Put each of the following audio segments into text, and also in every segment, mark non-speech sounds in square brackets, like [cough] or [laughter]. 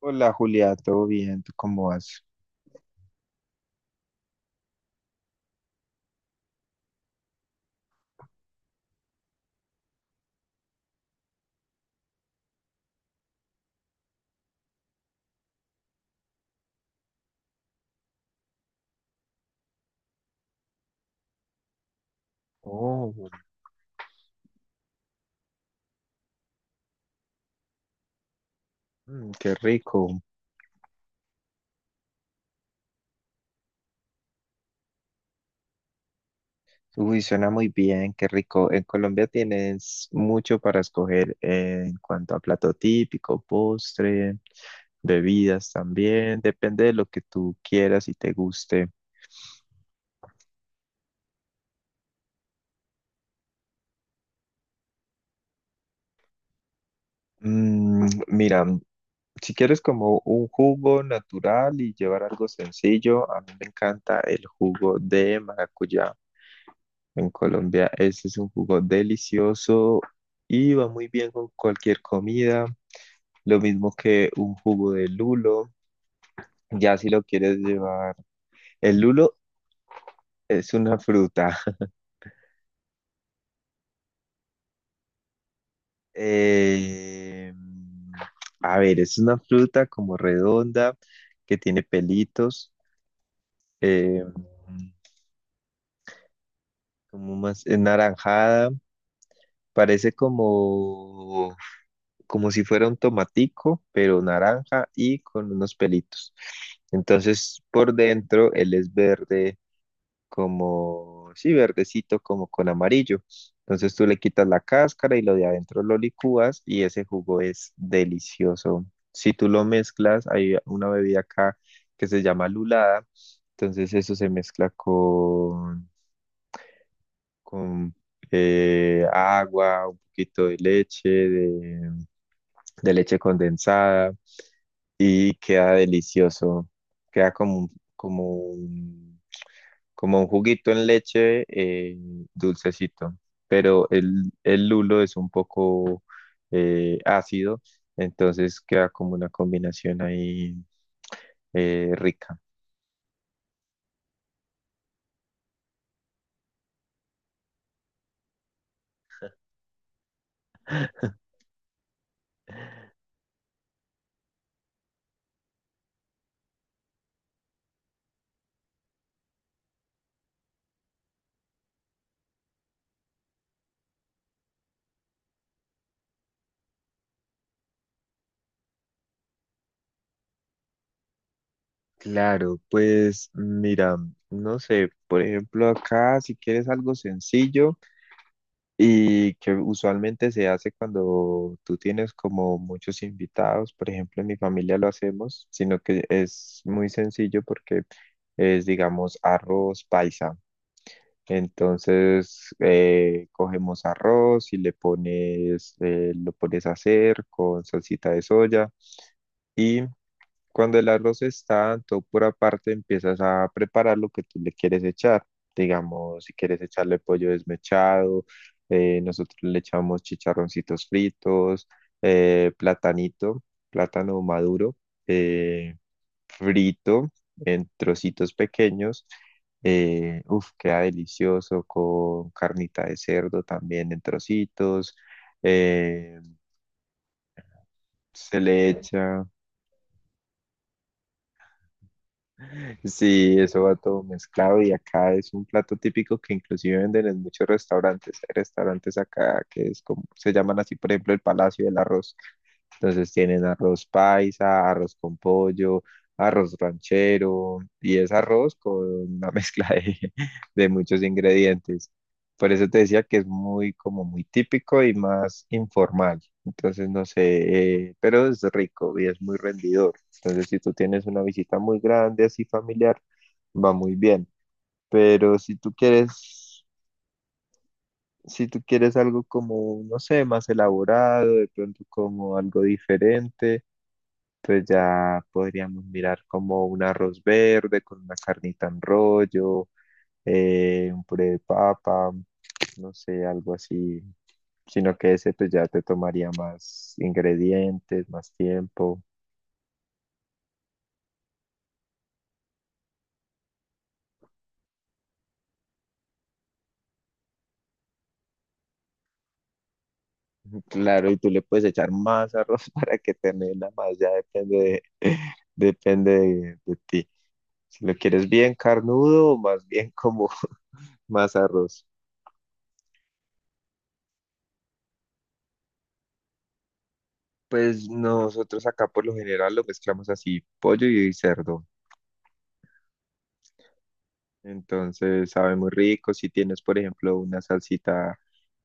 Hola Julia, ¿todo bien? ¿Tú cómo vas? Oh, qué rico. Uy, suena muy bien, qué rico. En Colombia tienes mucho para escoger en cuanto a plato típico, postre, bebidas también. Depende de lo que tú quieras y te guste. Mira, si quieres como un jugo natural y llevar algo sencillo, a mí me encanta el jugo de maracuyá. En Colombia, este es un jugo delicioso y va muy bien con cualquier comida. Lo mismo que un jugo de lulo. Ya si lo quieres llevar. El lulo es una fruta. [laughs] Eh, a ver, es una fruta como redonda que tiene pelitos. eh, Como más es naranjada. Parece como si fuera un tomatico, pero naranja y con unos pelitos. Entonces, por dentro, él es verde, como, sí, verdecito, como con amarillo. Entonces tú le quitas la cáscara y lo de adentro lo licúas y ese jugo es delicioso. Si tú lo mezclas, hay una bebida acá que se llama lulada. Entonces eso se mezcla con agua, un poquito de leche, de leche condensada y queda delicioso. Queda como, un- como un, como un juguito en leche dulcecito, pero el lulo es un poco ácido, entonces queda como una combinación ahí rica. [laughs] Claro, pues mira, no sé, por ejemplo acá si quieres algo sencillo. Y que usualmente se hace cuando tú tienes como muchos invitados, por ejemplo, en mi familia lo hacemos, sino que es muy sencillo porque es, digamos, arroz paisa. Entonces, cogemos arroz y le pones, lo pones a hacer con salsita de soya y cuando el arroz está en tu pura parte, empiezas a preparar lo que tú le quieres echar. Digamos, si quieres echarle pollo desmechado, nosotros le echamos chicharroncitos fritos, platanito, plátano maduro, eh, frito en trocitos pequeños. Uf, queda delicioso con carnita de cerdo también en trocitos. Eh, se le echa Sí, eso va todo mezclado y acá es un plato típico que inclusive venden en muchos restaurantes. Hay restaurantes acá que es como, se llaman así, por ejemplo, el Palacio del Arroz. Entonces tienen arroz paisa, arroz con pollo, arroz ranchero y es arroz con una [laughs] mezcla de muchos ingredientes. Por eso te decía que es muy como muy típico y más informal. Entonces no sé, pero es rico y es muy rendidor. Entonces, si tú tienes una visita muy grande, así familiar, va muy bien. Pero si tú quieres algo como, no sé, más elaborado, de pronto como algo diferente, pues ya podríamos mirar como un arroz verde con una carnita en rollo, un puré de papa, no sé, algo así. Sino que ese pues ya te tomaría más ingredientes, más tiempo. Claro, y tú le puedes echar más arroz [laughs] para que te mela más, ya depende de, [laughs] depende de ti. Si lo quieres bien carnudo o más bien como [laughs] más arroz. Pues nosotros acá por lo general lo mezclamos así, pollo y cerdo. Entonces sabe muy rico. Si tienes, por ejemplo, una salsita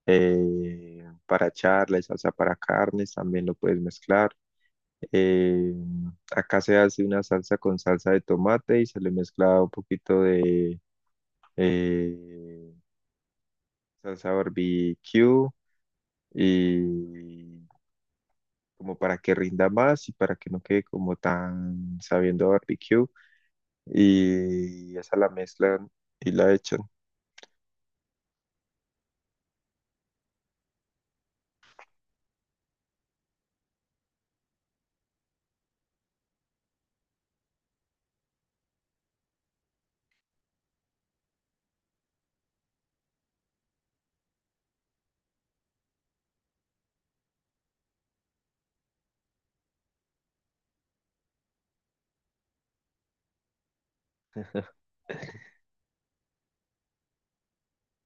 para charla y salsa para carnes, también lo puedes mezclar. Eh, Acá se hace una salsa con salsa de tomate y se le mezcla un poquito de eh, salsa barbecue y como para que rinda más y para que no quede como tan sabiendo a barbecue y esa la mezclan y la echan.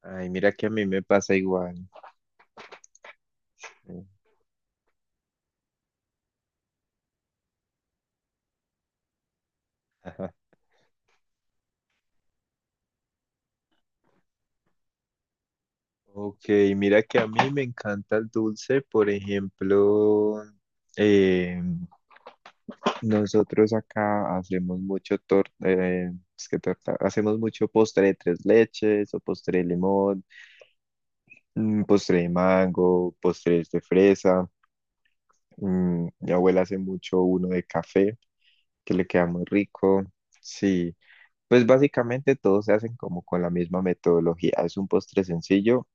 Ay, mira que a mí me pasa igual. [laughs] Ajá. Ok, mira que a mí me encanta el dulce, por ejemplo, eh, nosotros acá hacemos mucho es que torta, hacemos mucho postre de tres leches o postre de limón, postre de mango, postres de fresa. Mi abuela hace mucho uno de café, que le queda muy rico. Sí, pues básicamente todos se hacen como con la misma metodología. Es un postre sencillo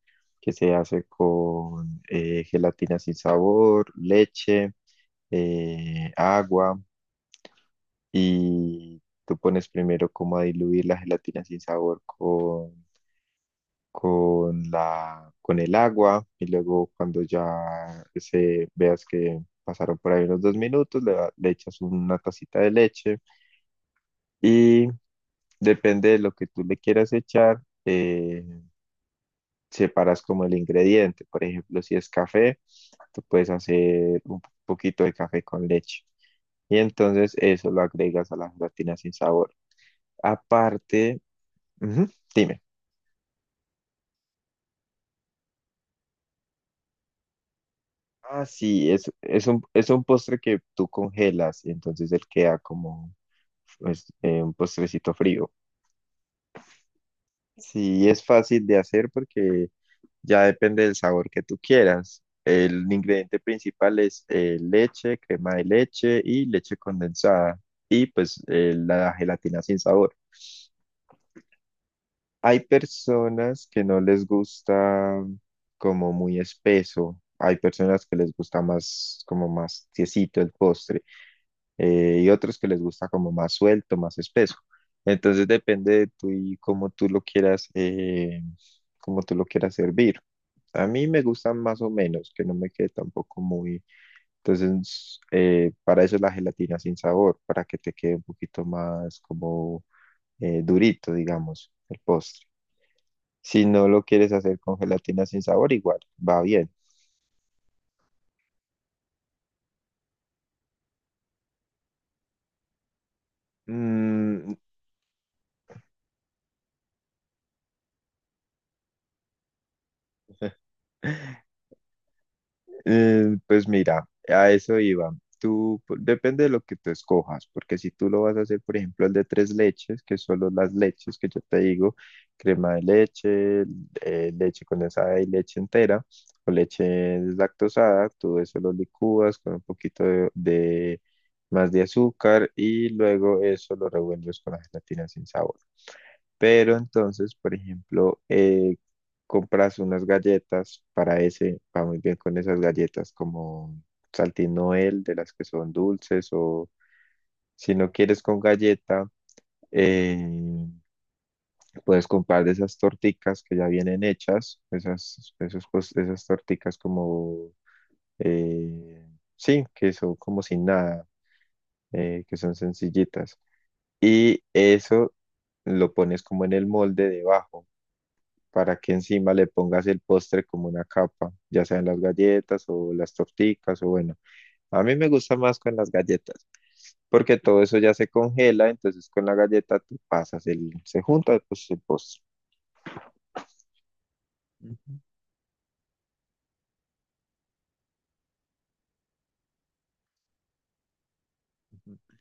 que se hace con gelatina sin sabor, leche, agua y tú pones primero como a diluir la gelatina sin sabor con con el agua y luego cuando ya se veas que pasaron por ahí unos dos minutos, le echas una tacita de leche y depende de lo que tú le quieras echar, separas como el ingrediente. Por ejemplo, si es café, tú puedes hacer un poquito de café con leche. Y entonces eso lo agregas a la gelatina sin sabor. Aparte, ujú, dime. Ah, sí, es un postre que tú congelas y entonces él queda como pues, un postrecito frío. Sí, es fácil de hacer porque ya depende del sabor que tú quieras. El ingrediente principal es leche, crema de leche y leche condensada y pues la gelatina sin sabor. Hay personas que no les gusta como muy espeso, hay personas que les gusta más como más tiesito el postre. Y otros que les gusta como más suelto, más espeso. Entonces depende de tú y cómo tú lo quieras, cómo tú lo quieras servir. A mí me gustan más o menos, que no me quede tampoco muy... Entonces, para eso la gelatina sin sabor, para que te quede un poquito más como durito, digamos, el postre. Si no lo quieres hacer con gelatina sin sabor, igual, va bien. Mm. [laughs] Pues mira, a eso iba. Depende de lo que tú escojas, porque si tú lo vas a hacer, por ejemplo, el de tres leches, que solo las leches que yo te digo, crema de leche, leche condensada y leche entera, o leche deslactosada, todo eso lo licúas con un poquito más de azúcar y luego eso lo revuelves con la gelatina sin sabor. Pero entonces, por ejemplo, compras unas galletas para ese, va muy bien con esas galletas como Saltín Noel, de las que son dulces, o si no quieres con galleta, eh, puedes comprar de esas torticas que ya vienen hechas, esas torticas como, eh, sí, que son como sin nada, que son sencillitas. Y eso lo pones como en el molde debajo, para que encima le pongas el postre como una capa, ya sean las galletas o las torticas o bueno, a mí me gusta más con las galletas, porque todo eso ya se congela, entonces con la galleta tú pasas el, se junta pues el postre. Ujú, ujú.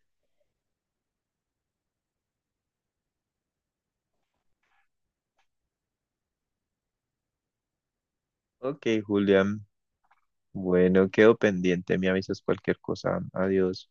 Ok, Julián, bueno, quedo pendiente, me avisas cualquier cosa, adiós.